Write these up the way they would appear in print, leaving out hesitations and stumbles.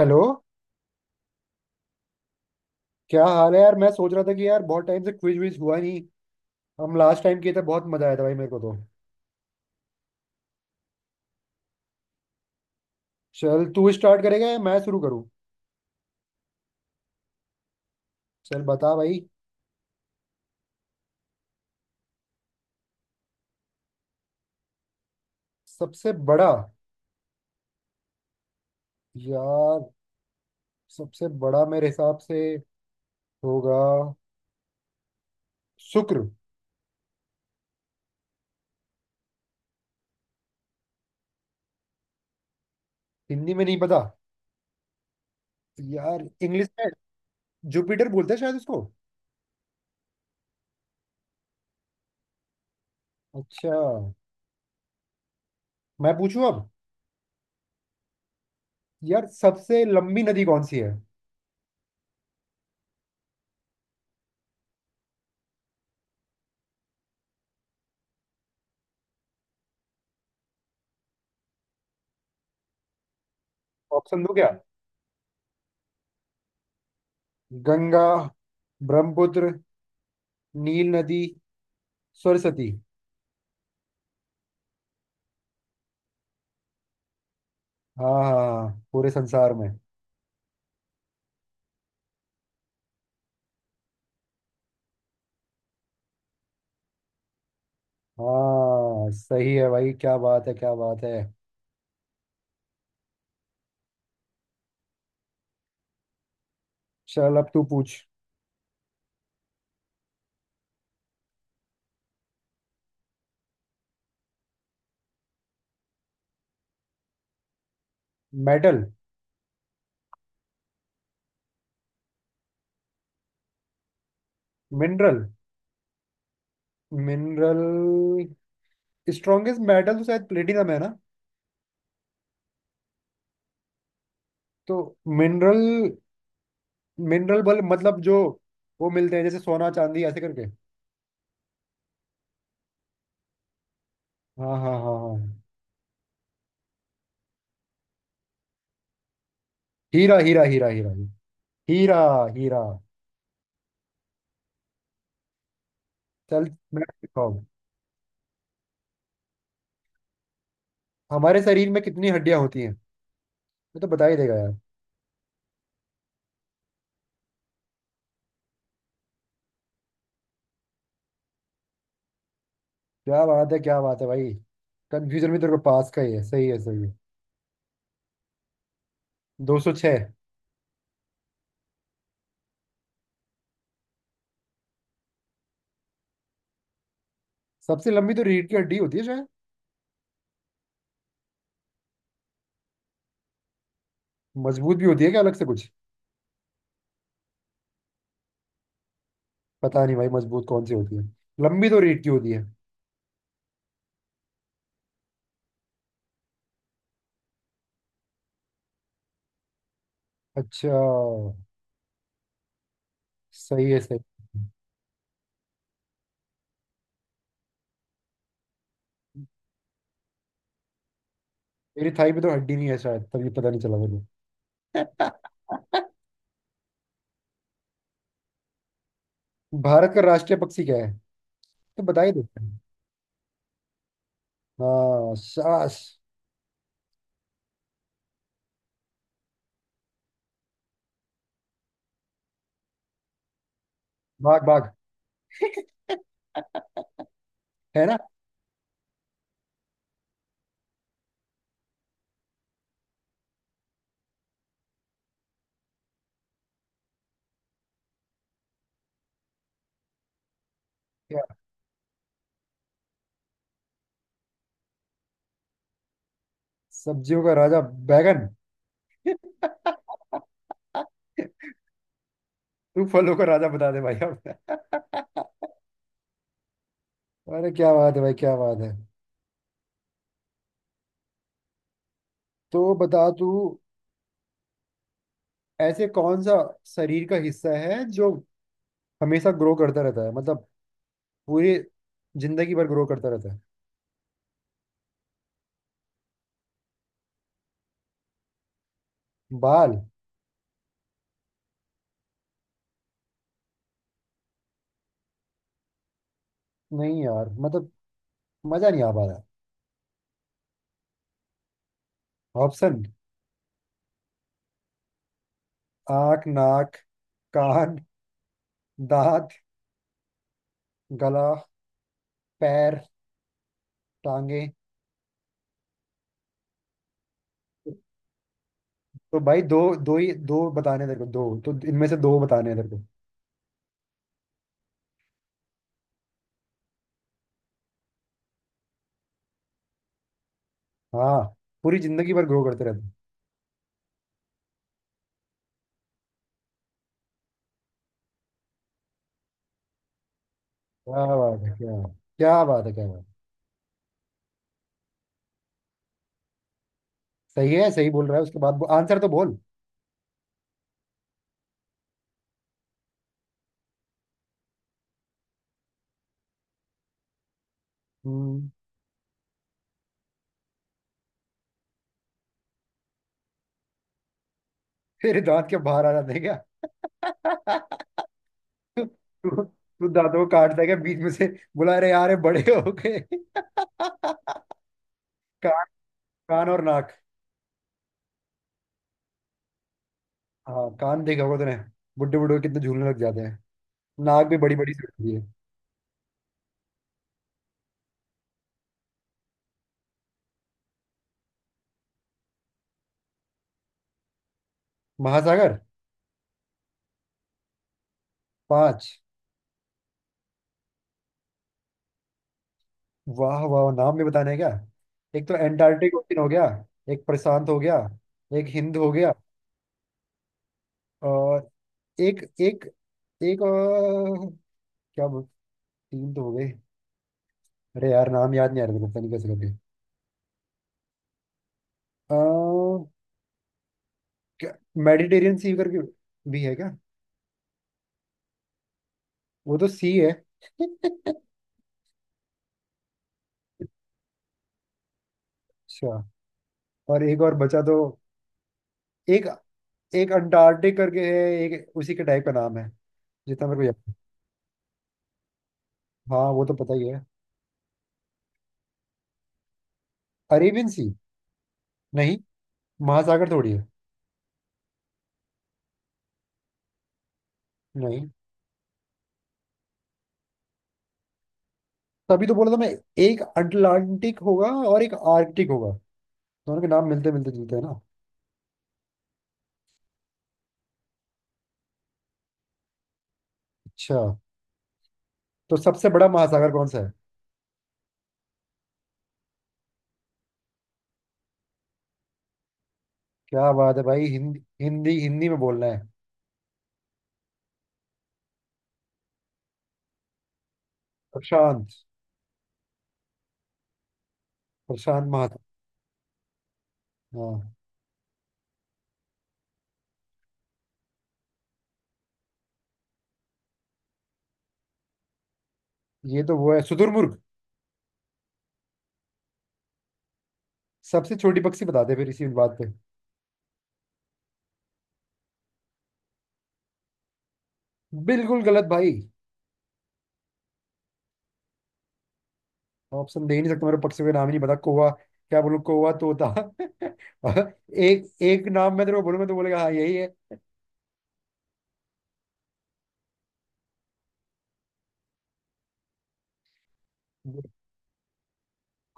Hello. क्या हाल है यार? मैं सोच रहा था कि यार बहुत टाइम से क्विज विज हुआ नहीं। हम लास्ट टाइम किए थे, बहुत मजा आया था भाई मेरे को तो। चल, तू स्टार्ट करेगा या मैं शुरू करूँ? चल बता भाई। सबसे बड़ा? यार, सबसे बड़ा मेरे हिसाब से होगा शुक्र। हिंदी में नहीं पता। यार इंग्लिश में जुपिटर बोलते हैं शायद उसको। अच्छा। मैं पूछूं अब। यार सबसे लंबी नदी कौन सी है? ऑप्शन दो क्या? गंगा, ब्रह्मपुत्र, नील नदी, सरस्वती। हाँ हाँ, पूरे संसार में। हाँ सही है भाई, क्या बात है क्या बात है। चल अब तू पूछ। Metal. Mineral. Mineral strongest metal तो शायद प्लेटिनम है ना। तो मिनरल, मिनरल बल मतलब जो वो मिलते हैं जैसे सोना चांदी ऐसे करके। हाँ हाँ हाँ हाँ। हीरा हीरा हीरा हीरा। हीरा। हीरा। चल मैं पूछता हूँ। हमारे शरीर में कितनी हड्डियां होती हैं? मैं तो बता ही देगा यार। क्या बात है भाई, कंफ्यूजन भी तेरे को पास का ही है। सही है सही है। 206। सबसे लंबी तो रीढ़ की हड्डी होती है शायद। मजबूत भी होती है क्या अलग से कुछ? पता नहीं भाई मजबूत कौन सी होती है। लंबी तो रीढ़ की होती है। अच्छा। सही है, सही है। मेरी थाई में तो हड्डी नहीं है शायद, तभी पता नहीं चला मुझे। भारत का राष्ट्रीय पक्षी क्या है? तो बता ही देते हैं। हाँ शाबाश। बाघ बाघ। है ना। क्या? सब्जियों का राजा। बैगन। तू फलों का राजा बता दे भाई अब। अरे क्या बात है भाई क्या बात है। तो बता तू। ऐसे कौन सा शरीर का हिस्सा है जो हमेशा ग्रो करता रहता है, मतलब पूरी जिंदगी भर ग्रो करता रहता है? बाल। नहीं यार, मतलब मजा नहीं आ पा रहा। ऑप्शन। आंख, नाक, कान, दांत, गला, पैर, टांगे। तो भाई दो, दो ही दो बताने हैं तेरे को, दो तो इनमें से दो बताने हैं तेरे को। हाँ पूरी जिंदगी भर ग्रो करते रहते हैं। क्या बात है क्या, क्या बात है क्या बात है। सही है, सही बोल रहा है। उसके बाद आंसर तो बोल। हम्म, फिर दांत के बाहर आ जाते हैं क्या? तू तू दांतों को काटता है क्या बीच में से? बुला रहे यार ये बड़े हो गए। कान कान और नाक। हाँ कान देखा होगा तूने, बुड्ढे बुड्ढे कितने झूलने लग जाते हैं। नाक भी बड़ी बड़ी सी होती है। महासागर। पांच। वाह वाह, नाम भी बताने हैं क्या? एक तो एंटार्क्टिक ओशन हो गया, एक प्रशांत हो गया, एक हिंद हो गया, और एक एक एक और, क्या बोल। तीन तो हो गए। अरे यार नाम याद नहीं आ रहा मेरे को, पता नहीं कैसे करके। आ, क्या मेडिटेरियन सी करके भी है क्या? वो तो सी है। अच्छा। और एक और बचा तो, एक एक अंटार्कटिक करके है, एक उसी के टाइप का नाम है जितना मेरे को याद है। हाँ वो तो पता ही है। अरेबियन सी? नहीं, महासागर थोड़ी है। नहीं, तभी तो बोला था मैं। एक अटलांटिक होगा और एक आर्कटिक होगा, दोनों के नाम मिलते मिलते जुलते हैं ना। अच्छा। तो सबसे बड़ा महासागर कौन सा है? क्या बात है भाई, हिंदी हिंदी हिंदी में बोलना है। प्रशांत। प्रशांत महात। हाँ ये तो वो है, शुतुरमुर्ग। सबसे छोटी पक्षी बता दे फिर इसी बात पे। बिल्कुल गलत भाई। ऑप्शन दे ही नहीं सकता, मेरे पक्षी का नाम ही नहीं पता। कौवा, क्या बोलूं? कौवा, तोता। एक एक नाम मैं तेरे को बोलूंगा तो बोलेगा हाँ यही है।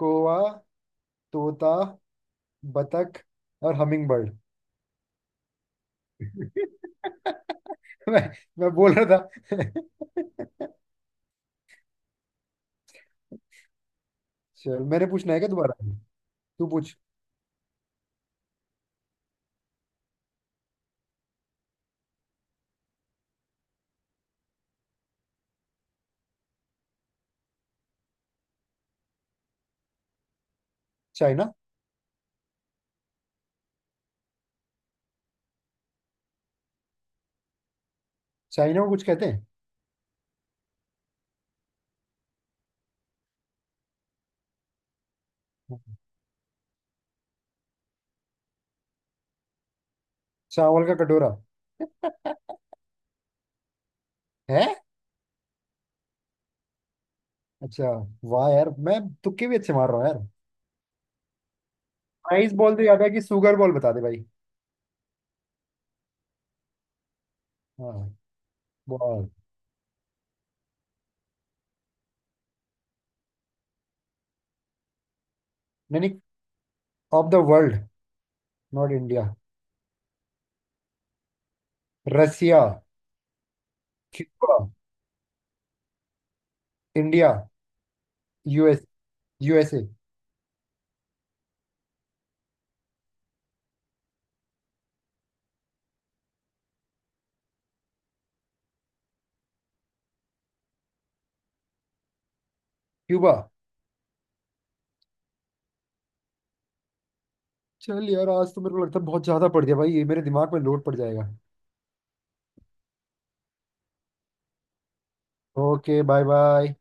कौवा, तोता, बतख और हमिंग बर्ड। मैं मैं बोल रहा था। चल, मैंने पूछना है क्या दोबारा? तू पूछ। चाइना। चाइना को कुछ कहते हैं? चावल का कटोरा। है। अच्छा। वाह यार, मैं तुक्के भी अच्छे मार रहा हूँ यार। प्राइस बॉल तो याद है, कि सुगर बॉल बता दे भाई। हाँ बॉल। नहीं नहीं, of the world, not India. Russia, Cuba, India, US, USA. Cuba. चल यार, आज तो मेरे को लगता है बहुत ज्यादा पड़ गया भाई, ये मेरे दिमाग में लोड पड़ जाएगा। Okay bye bye.